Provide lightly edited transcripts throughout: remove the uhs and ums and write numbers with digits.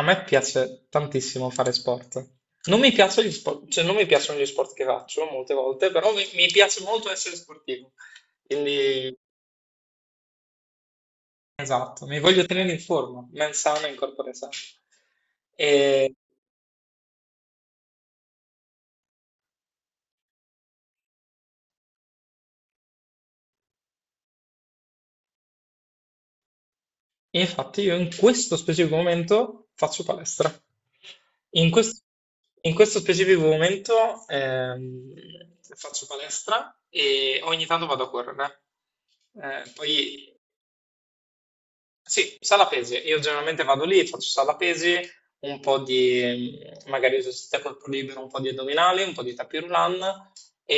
A me piace tantissimo fare sport. Non mi piacciono gli sport, cioè non mi piacciono gli sport che faccio molte volte, però mi piace molto essere sportivo. Quindi, esatto, mi voglio tenere in forma, mens sana in corpore sano. E infatti io in questo specifico momento faccio palestra. In questo, in questo specifico momento faccio palestra e ogni tanto vado a correre. Poi. Sì, sala pesi. Io generalmente vado lì, faccio sala pesi, un po' di magari esercizio a corpo libero, un po' di addominali, un po' di tapis roulant e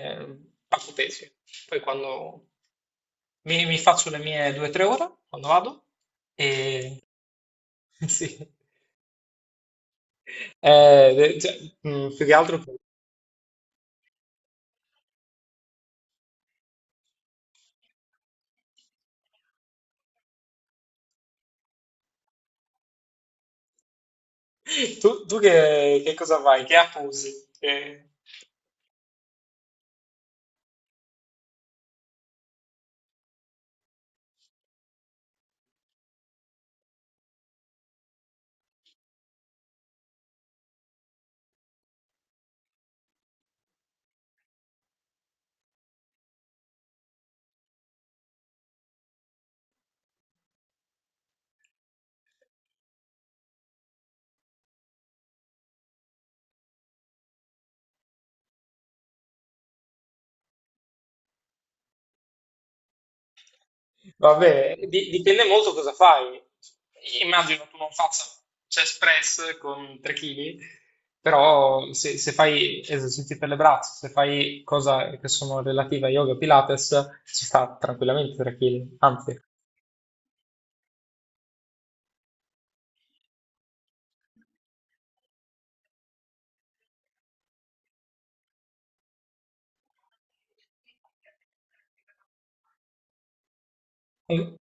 eh, faccio pesi. Poi quando mi faccio le mie 2 o 3 ore, quando vado, e sì. Cioè, più che altro. Tu che cosa fai? Che app usi? Vabbè, dipende molto cosa fai. Immagino tu non faccia chest press con 3 kg, però se fai esercizi per le braccia, se fai cose che sono relative a yoga e Pilates, ci sta tranquillamente 3 kg, anzi. Al-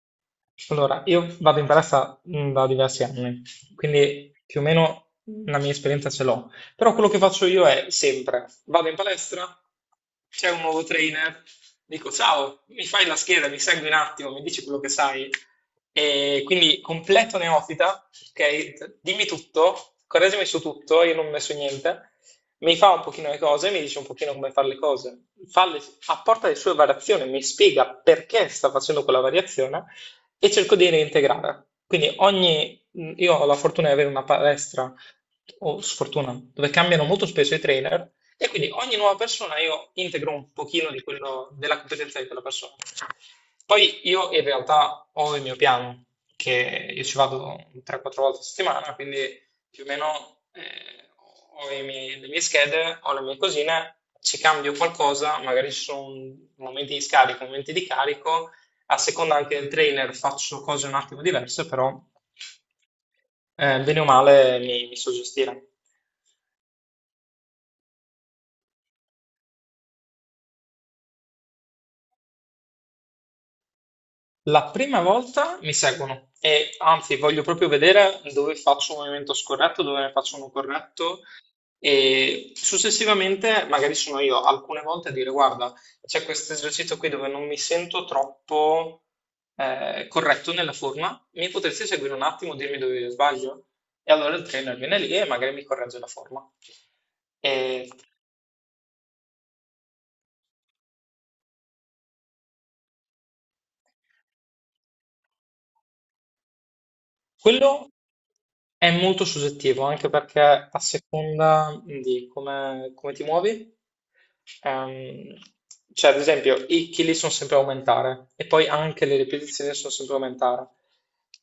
Allora, io vado in palestra da diversi anni, quindi più o meno la mia esperienza ce l'ho. Però quello che faccio io è sempre, vado in palestra, c'è un nuovo trainer, dico ciao, mi fai la scheda, mi segui un attimo, mi dici quello che sai. E quindi completo neofita, ok, dimmi tutto, correggimi su tutto, io non ho messo niente, mi fa un pochino le cose, mi dice un pochino come fare le cose, apporta le sue variazioni, mi spiega perché sta facendo quella variazione e cerco di reintegrare. Quindi ogni, io ho la fortuna di avere una palestra, o sfortuna, dove cambiano molto spesso i trainer, e quindi ogni nuova persona io integro un pochino di quello, della competenza di quella persona. Poi io in realtà ho il mio piano, che io ci vado 3-4 volte a settimana, quindi più o meno ho le mie schede, ho le mie cosine, ci cambio qualcosa, magari ci sono momenti di scarico, momenti di carico, a seconda anche del trainer faccio cose un attimo diverse, però bene o male mi so gestire. La prima volta mi seguono, e anzi voglio proprio vedere dove faccio un movimento scorretto, dove ne faccio uno corretto, e successivamente magari sono io alcune volte a dire guarda, c'è questo esercizio qui dove non mi sento troppo corretto nella forma, mi potresti seguire un attimo, dirmi dove io sbaglio? E allora il trainer viene lì e magari mi corregge la forma. E Quello è molto soggettivo, anche perché a seconda di come ti muovi, ehm, cioè ad esempio i chili sono sempre a aumentare, e poi anche le ripetizioni sono sempre a aumentare.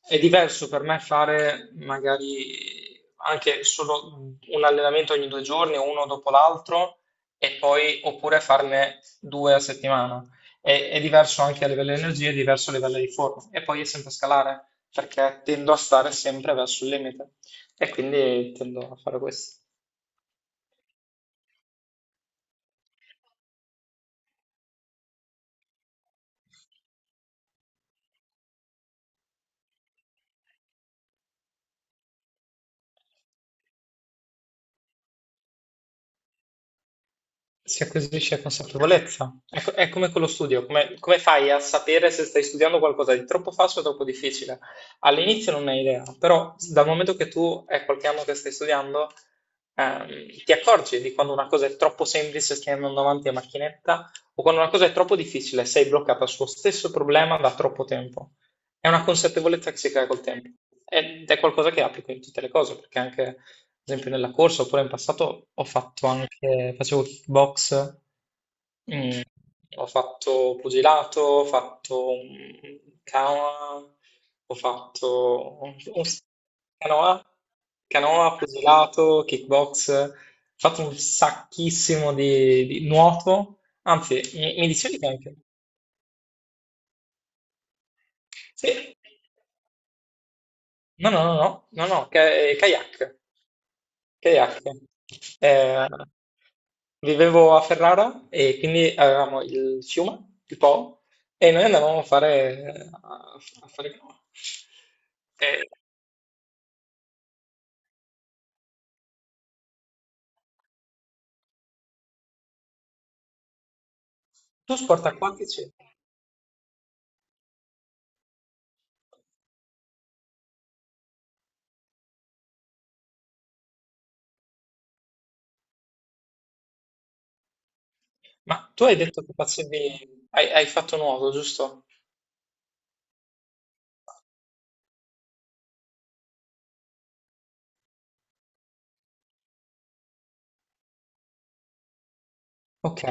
È diverso per me fare magari anche solo un allenamento ogni 2 giorni, uno dopo l'altro, e poi oppure farne 2 a settimana. È diverso anche a livello di energia, è diverso a livello di forma, e poi è sempre scalare perché tendo a stare sempre verso il limite, e quindi tendo a fare questo. Si acquisisce consapevolezza. È come con lo studio, come fai a sapere se stai studiando qualcosa di troppo facile o troppo difficile? All'inizio non hai idea, però dal momento che tu è qualche anno che stai studiando, ehm, ti accorgi di quando una cosa è troppo semplice, stai andando avanti a macchinetta, o quando una cosa è troppo difficile, sei bloccata sullo stesso problema da troppo tempo. È una consapevolezza che si crea col tempo, ed è qualcosa che applico in tutte le cose, perché anche ad esempio nella corsa, oppure in passato ho fatto anche, facevo kickbox, mm, ho fatto pugilato, ho fatto canoa, ho fatto un- canoa. Canoa, pugilato, kickbox, ho fatto un sacchissimo di nuoto, anzi, mi dicevi che anche... Sì, no, no, no, no, no, no, kayak. Kayak. Eh, vivevo a Ferrara, e quindi avevamo il fiume, il Po, e noi andavamo a fare canoa. Eh, tu sport acquatici? Ma tu hai detto che facevi, hai fatto nuoto, giusto? Ok.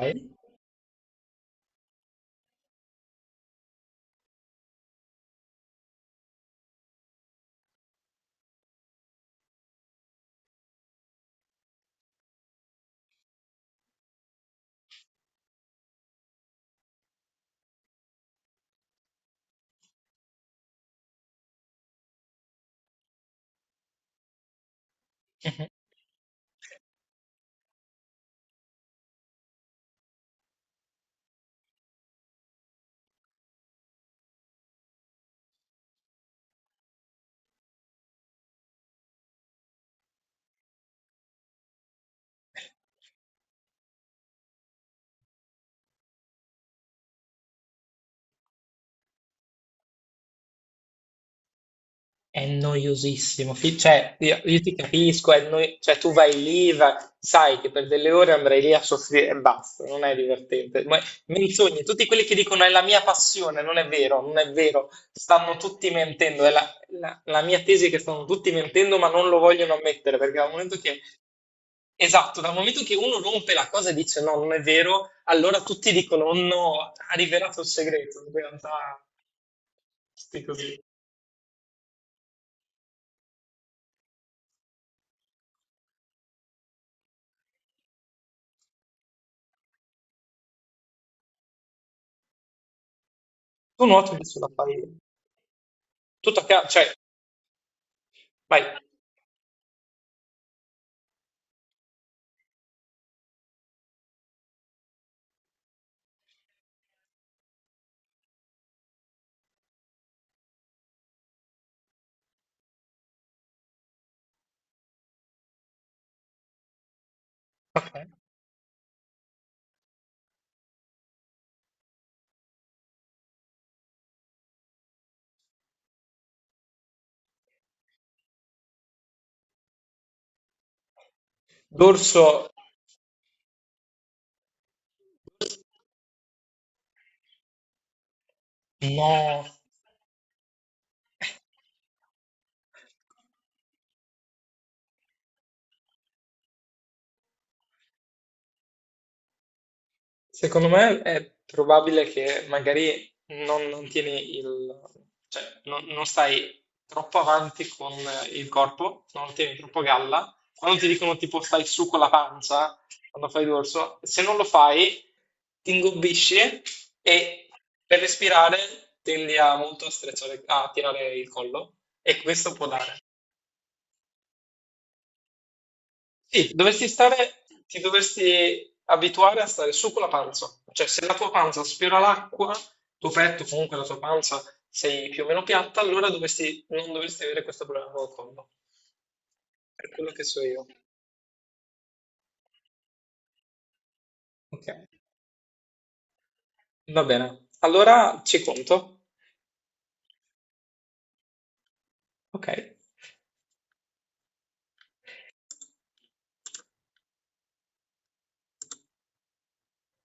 È noiosissimo, cioè io ti capisco, è cioè, tu vai lì, sai che per delle ore andrai lì a soffrire e basta, non è divertente. Ma menzogne, tutti quelli che dicono è la mia passione, non è vero, non è vero, stanno tutti mentendo, è la mia tesi è che stanno tutti mentendo ma non lo vogliono ammettere, perché dal momento che, esatto, dal momento che uno rompe la cosa e dice no, non è vero, allora tutti dicono "Oh no, ha rivelato il segreto, in realtà tutti così". Tu nuoti sulla paglia. Tutto a caso, cioè, vai, dorso no. Secondo me è probabile che magari non tieni il, cioè, non stai troppo avanti con il corpo, non tieni troppo galla. Quando ti dicono tipo stai su con la pancia, quando fai dorso, se non lo fai, ti ingobbisci e per respirare tendi a molto a tirare il collo, e questo può dare. Sì, dovresti stare, ti dovresti abituare a stare su con la panza, cioè se la tua panza sfiora l'acqua, tuo petto, comunque la tua panza sei più o meno piatta, allora dovresti, non dovresti avere questo problema col collo, per quello che so io. Ok, va bene. Allora ci conto. Ok.